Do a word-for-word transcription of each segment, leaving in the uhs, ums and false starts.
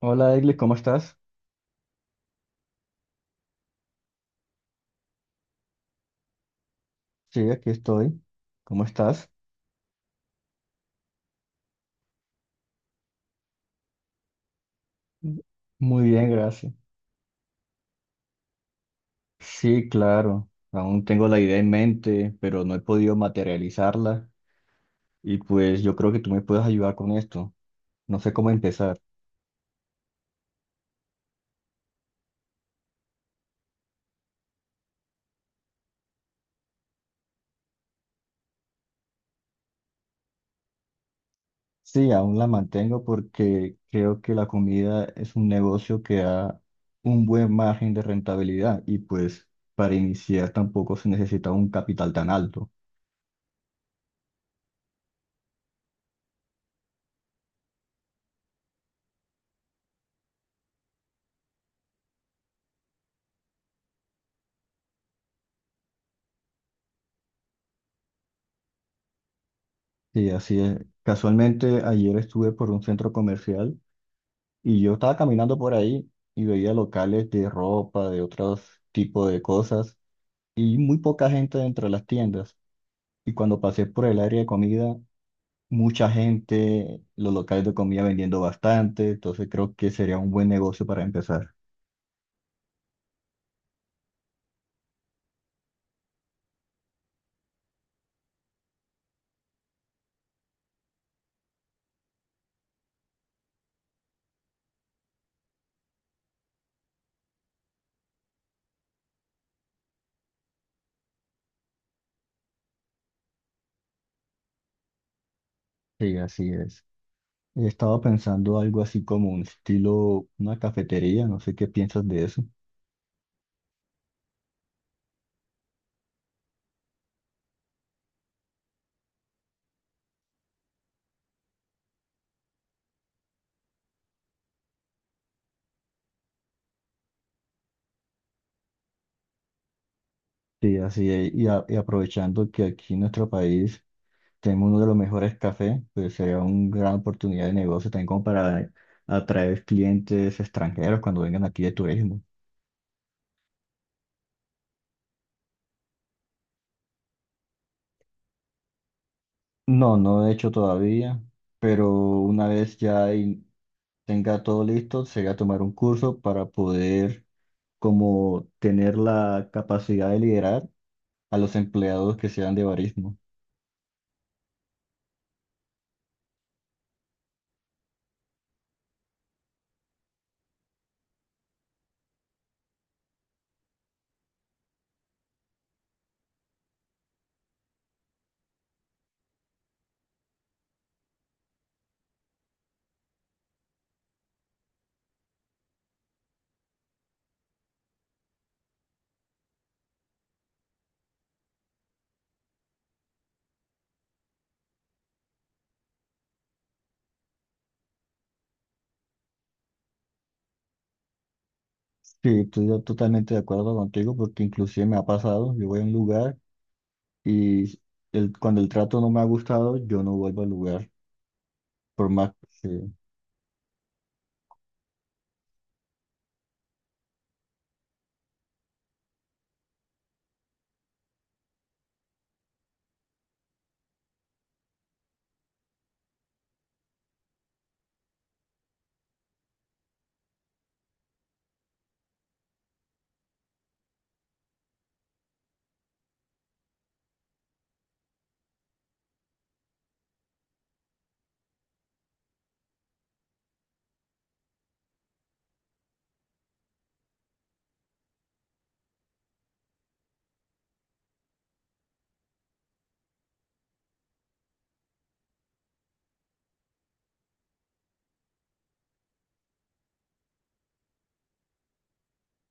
Hola, Egli, ¿cómo estás? Sí, aquí estoy. ¿Cómo estás? Muy bien, gracias. Sí, claro. Aún tengo la idea en mente, pero no he podido materializarla. Y pues yo creo que tú me puedes ayudar con esto. No sé cómo empezar. Sí, aún la mantengo porque creo que la comida es un negocio que da un buen margen de rentabilidad y pues para iniciar tampoco se necesita un capital tan alto. Sí, así es. Casualmente ayer estuve por un centro comercial y yo estaba caminando por ahí y veía locales de ropa, de otros tipos de cosas, y muy poca gente dentro de las tiendas. Y cuando pasé por el área de comida, mucha gente, los locales de comida vendiendo bastante, entonces creo que sería un buen negocio para empezar. Sí, así es. Estaba pensando algo así como un estilo, una cafetería, no sé qué piensas de eso. Sí, así es. Y, a- y aprovechando que aquí en nuestro país tenemos uno de los mejores cafés, pues sería una gran oportunidad de negocio también como para atraer clientes extranjeros cuando vengan aquí de turismo. No, no he hecho todavía, pero una vez ya y- tenga todo listo, sería tomar un curso para poder como tener la capacidad de liderar a los empleados que sean de barismo. Sí, estoy yo totalmente de acuerdo contigo porque inclusive me ha pasado, yo voy a un lugar y el- cuando el trato no me ha gustado, yo no vuelvo al lugar. Por Mac, sí.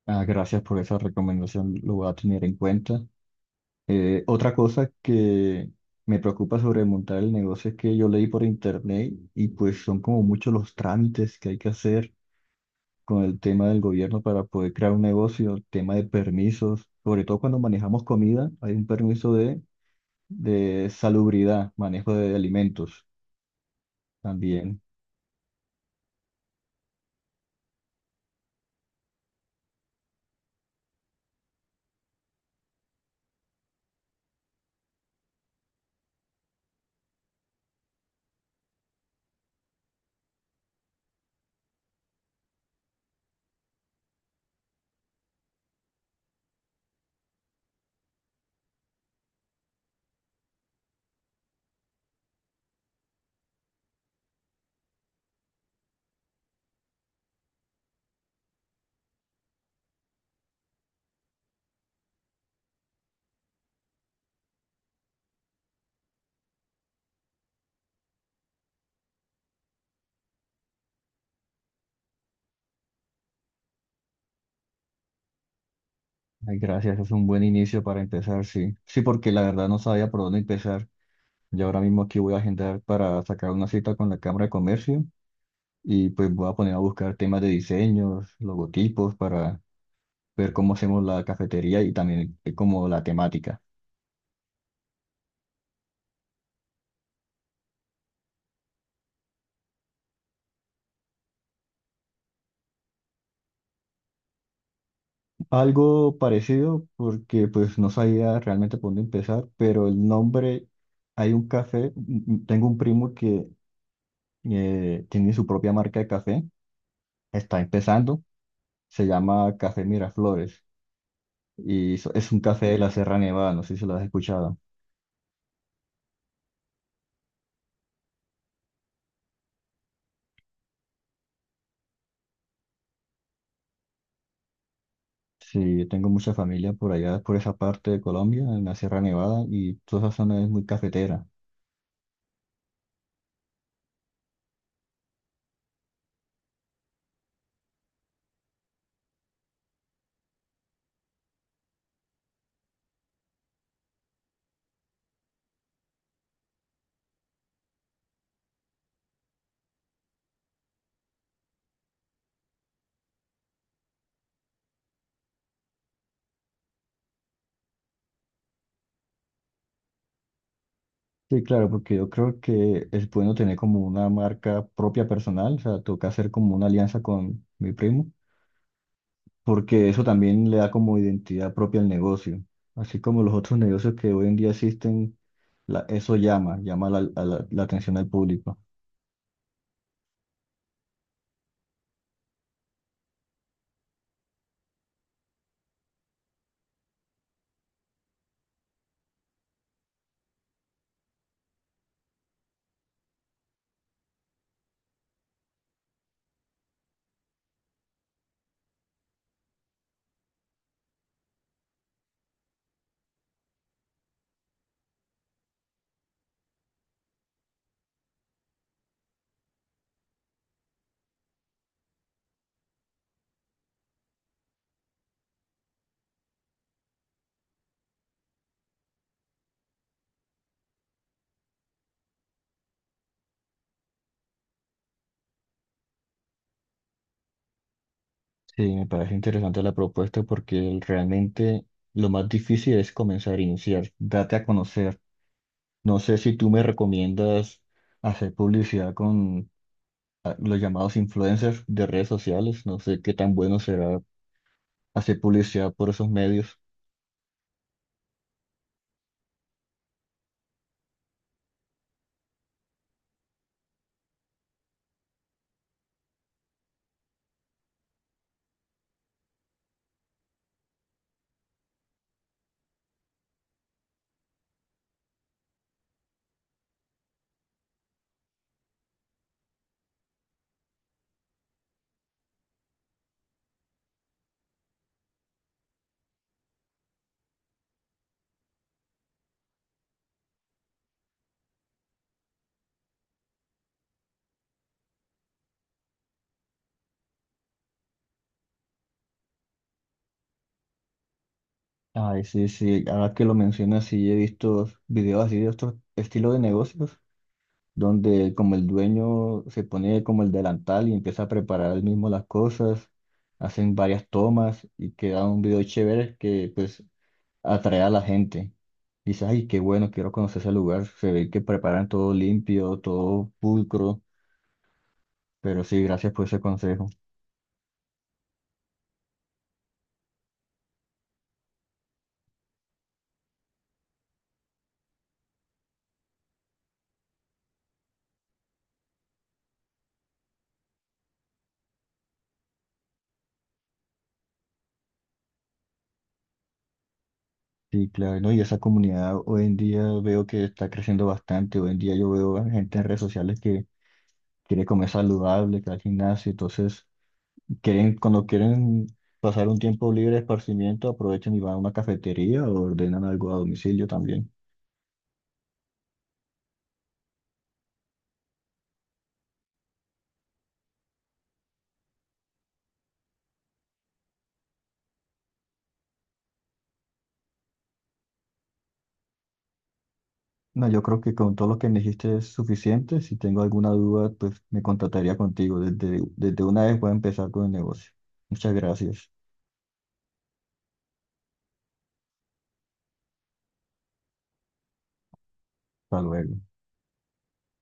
Ah, gracias por esa recomendación, lo voy a tener en cuenta. Eh, otra cosa que me preocupa sobre montar el negocio es que yo leí por internet y pues son como muchos los trámites que hay que hacer con el tema del gobierno para poder crear un negocio, el tema de permisos, sobre todo cuando manejamos comida, hay un permiso de, de salubridad, manejo de alimentos también. Ay, gracias, es un buen inicio para empezar, sí. Sí, porque la verdad no sabía por dónde empezar. Yo ahora mismo aquí voy a agendar para sacar una cita con la Cámara de Comercio y pues voy a poner a buscar temas de diseños, logotipos para ver cómo hacemos la cafetería y también eh, como la temática. Algo parecido porque pues no sabía realmente por dónde empezar, pero el nombre, hay un café, m- m- tengo un primo que eh, tiene su propia marca de café, está empezando, se llama Café Miraflores y so- es un café de la Sierra Nevada, no sé si lo has escuchado. Sí, tengo mucha familia por allá, por esa parte de Colombia, en la Sierra Nevada, y toda esa zona es muy cafetera. Sí, claro, porque yo creo que es bueno tener como una marca propia personal, o sea, toca hacer como una alianza con mi primo, porque eso también le da como identidad propia al negocio. Así como los otros negocios que hoy en día existen, la- eso llama, llama la, a la la atención al público. Sí, me parece interesante la propuesta porque realmente lo más difícil es comenzar a iniciar, date a conocer. No sé si tú me recomiendas hacer publicidad con ah, los llamados influencers de redes sociales. No sé qué tan bueno será hacer publicidad por esos medios. Ay, sí, sí. Ahora que lo mencionas, sí he visto videos así de otro estilo de negocios, donde como el dueño se pone como el delantal y empieza a preparar él mismo las cosas, hacen varias tomas y queda un video chévere que pues atrae a la gente. Dices, ay, qué bueno, quiero conocer ese lugar. Se ve que preparan todo limpio, todo pulcro. Pero sí, gracias por ese consejo. Sí, claro, ¿no? Y esa comunidad hoy en día veo que está creciendo bastante. Hoy en día yo veo a gente en redes sociales que quiere comer saludable, que va al gimnasio. Entonces, quieren, cuando quieren pasar un tiempo libre de esparcimiento, aprovechan y van a una cafetería o ordenan algo a domicilio también. No, yo creo que con todo lo que me dijiste es suficiente. Si tengo alguna duda, pues me contactaría contigo. Desde, desde una vez voy a empezar con el negocio. Muchas gracias. Hasta luego.